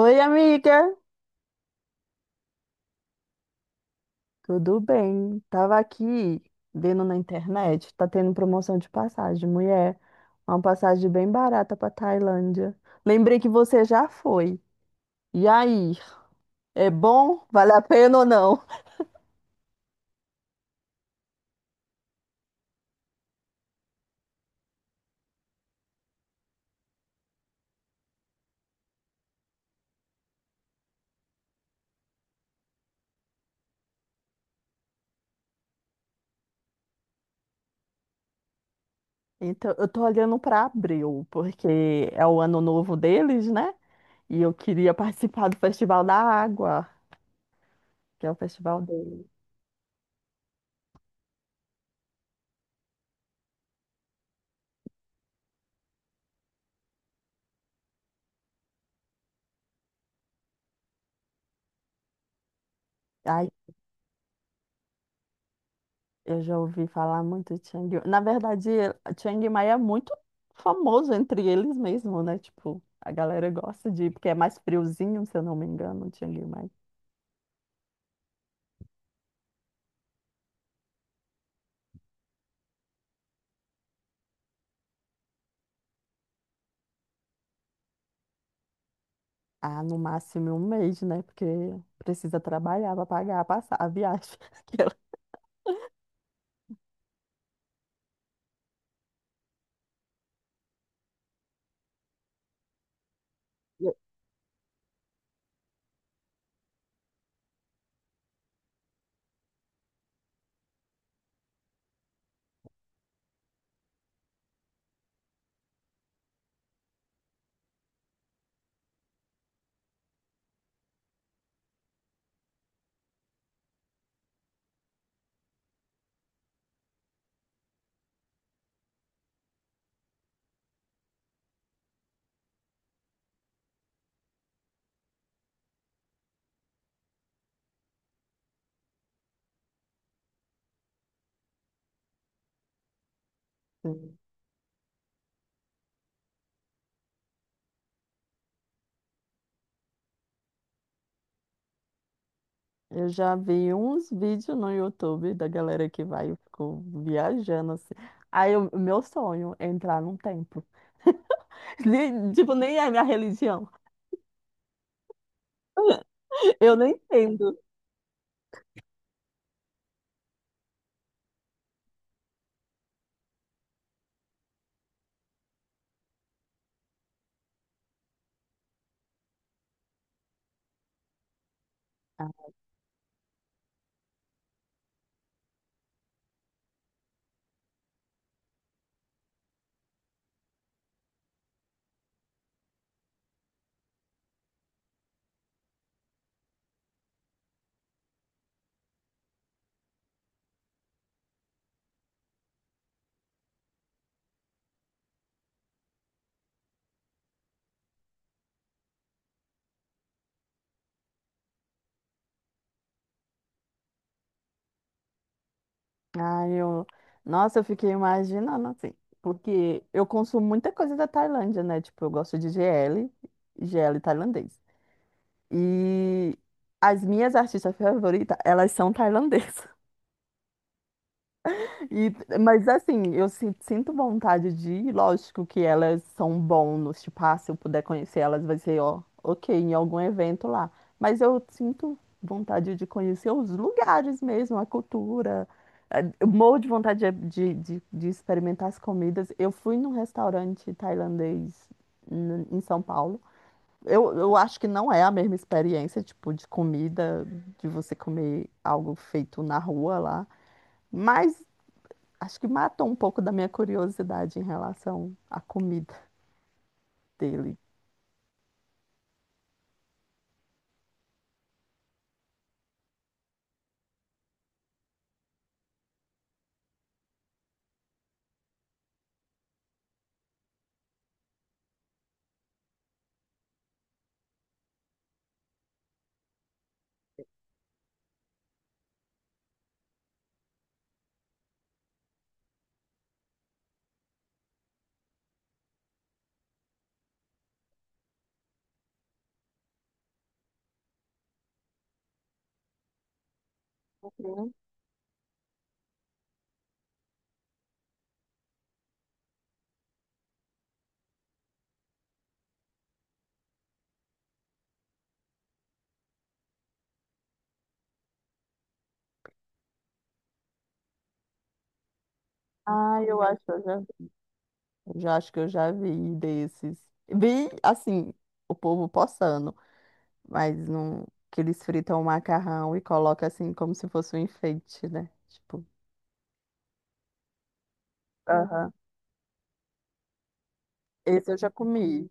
Oi, amiga, tudo bem? Tava aqui vendo na internet, tá tendo promoção de passagem, mulher, uma passagem bem barata pra Tailândia. Lembrei que você já foi. E aí, é bom? Vale a pena ou não? Então, eu tô olhando pra abril, porque é o ano novo deles, né? E eu queria participar do Festival da Água, que é o festival deles. Ai, eu já ouvi falar muito de Chiang Mai. Na verdade, Chiang Mai é muito famoso entre eles mesmo, né? Tipo, a galera gosta de ir, porque é mais friozinho, se eu não me engano, Chiang Mai. Ah, no máximo um mês, né? Porque precisa trabalhar para pagar a a viagem. Aquela- Eu sim. Eu já vi uns vídeos no YouTube da galera que vai e ficou viajando assim. Aí, o meu sonho é entrar num templo. Nem- Tipo, nem é minha religião. Eu não entendo. Ah, eu... Nossa, eu fiquei imaginando assim, porque eu consumo muita coisa da Tailândia, né? Tipo, eu gosto de GL, GL tailandês. E as minhas artistas favoritas, elas são tailandesas. E, mas assim, sinto vontade de ir, lógico que elas são bônus, tipo, ah, se eu puder conhecer elas, vai ser, ó, ok, em algum evento lá. Mas eu sinto vontade de conhecer os lugares mesmo, a cultura. Eu morro de vontade de experimentar as comidas. Eu fui num restaurante tailandês em São Paulo. Eu acho que não é a mesma experiência, tipo, de comida, de você comer algo feito na rua lá. Mas acho que matou um pouco da minha curiosidade em relação à comida dele. Não, ah, eu já acho que eu já vi desses. Vi, assim, o povo postando, mas não, que eles fritam o macarrão e colocam assim como se fosse um enfeite, né? Tipo, aham. Esse eu já comi.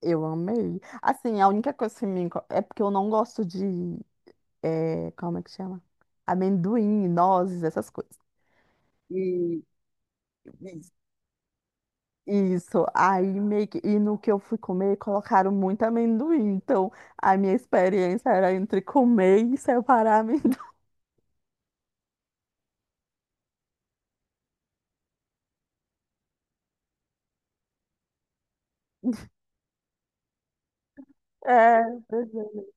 Eu amei. Assim, a única coisa que é porque eu não gosto de, é, como é que chama? Amendoim, nozes, essas coisas. E, isso, aí meio que, e no que eu fui comer, colocaram muito amendoim. Então, a minha experiência era entre comer e separar amendoim. É, pois é.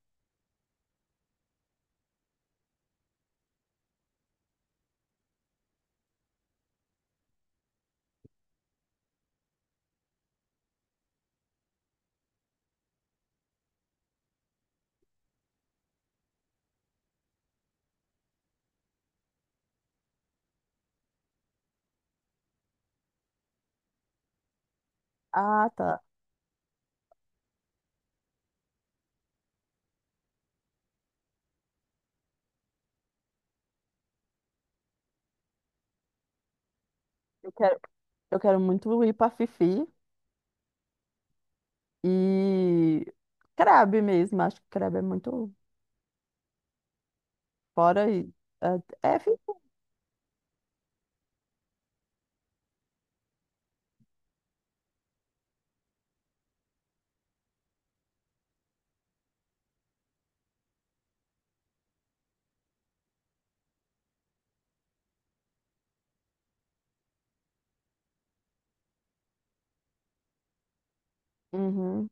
Ah, tá. Eu quero, eu quero muito ir pra Fifi e Crabe mesmo. Acho que Crabe é muito fora aí. É, é Fifi. Uhum,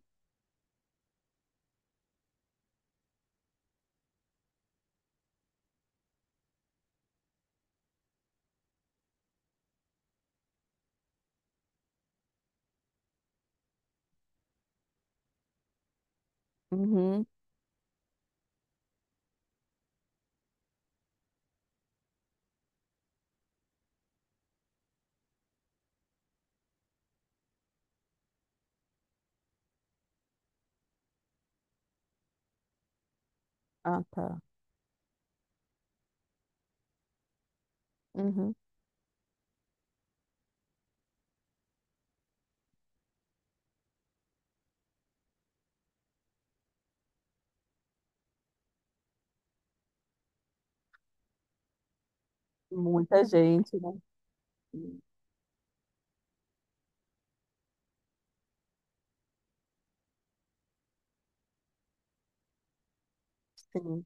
uhum. Ah, tá. Uhum. Muita gente, né? Sim.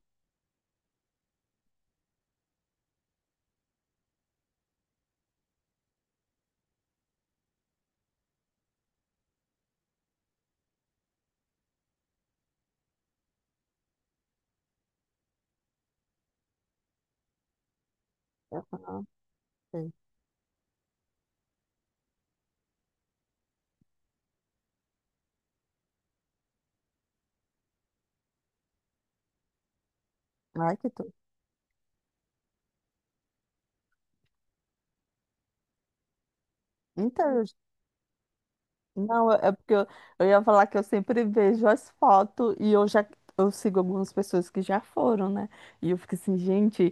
Aham, sei. Ai, que tudo. Então não, é porque eu ia falar que eu sempre vejo as fotos e eu sigo algumas pessoas que já foram, né? E eu fico assim, gente,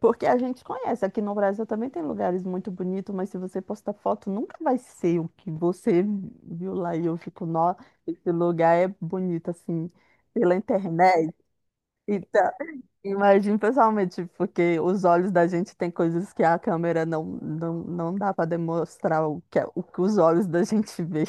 porque a gente conhece, aqui no Brasil também tem lugares muito bonitos, mas se você postar foto, nunca vai ser o que você viu lá. E eu fico, nossa, esse lugar é bonito assim, pela internet. Então, imagino pessoalmente, porque os olhos da gente tem coisas que a câmera não dá para demonstrar o que, o que os olhos da gente vê.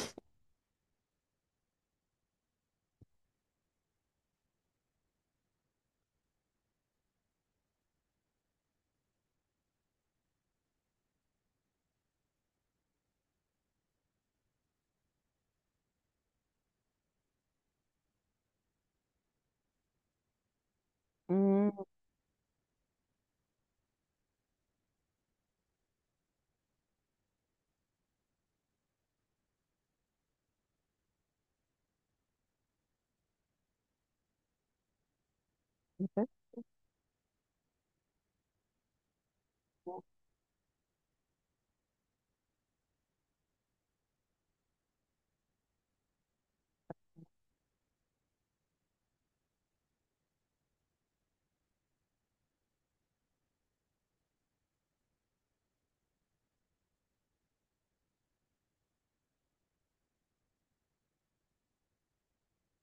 Hum,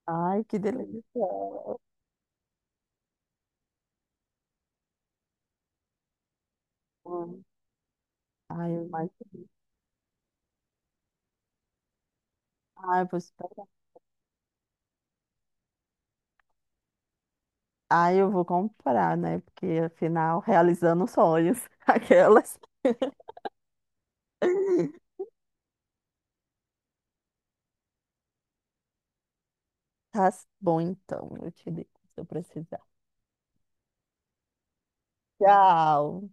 Ai, que delícia. Ai, eu imagino. Ai, eu vou esperar. Ai, eu vou comprar, né? Porque afinal, realizando sonhos, aquelas. Tá bom, então, eu te digo se eu precisar. Tchau.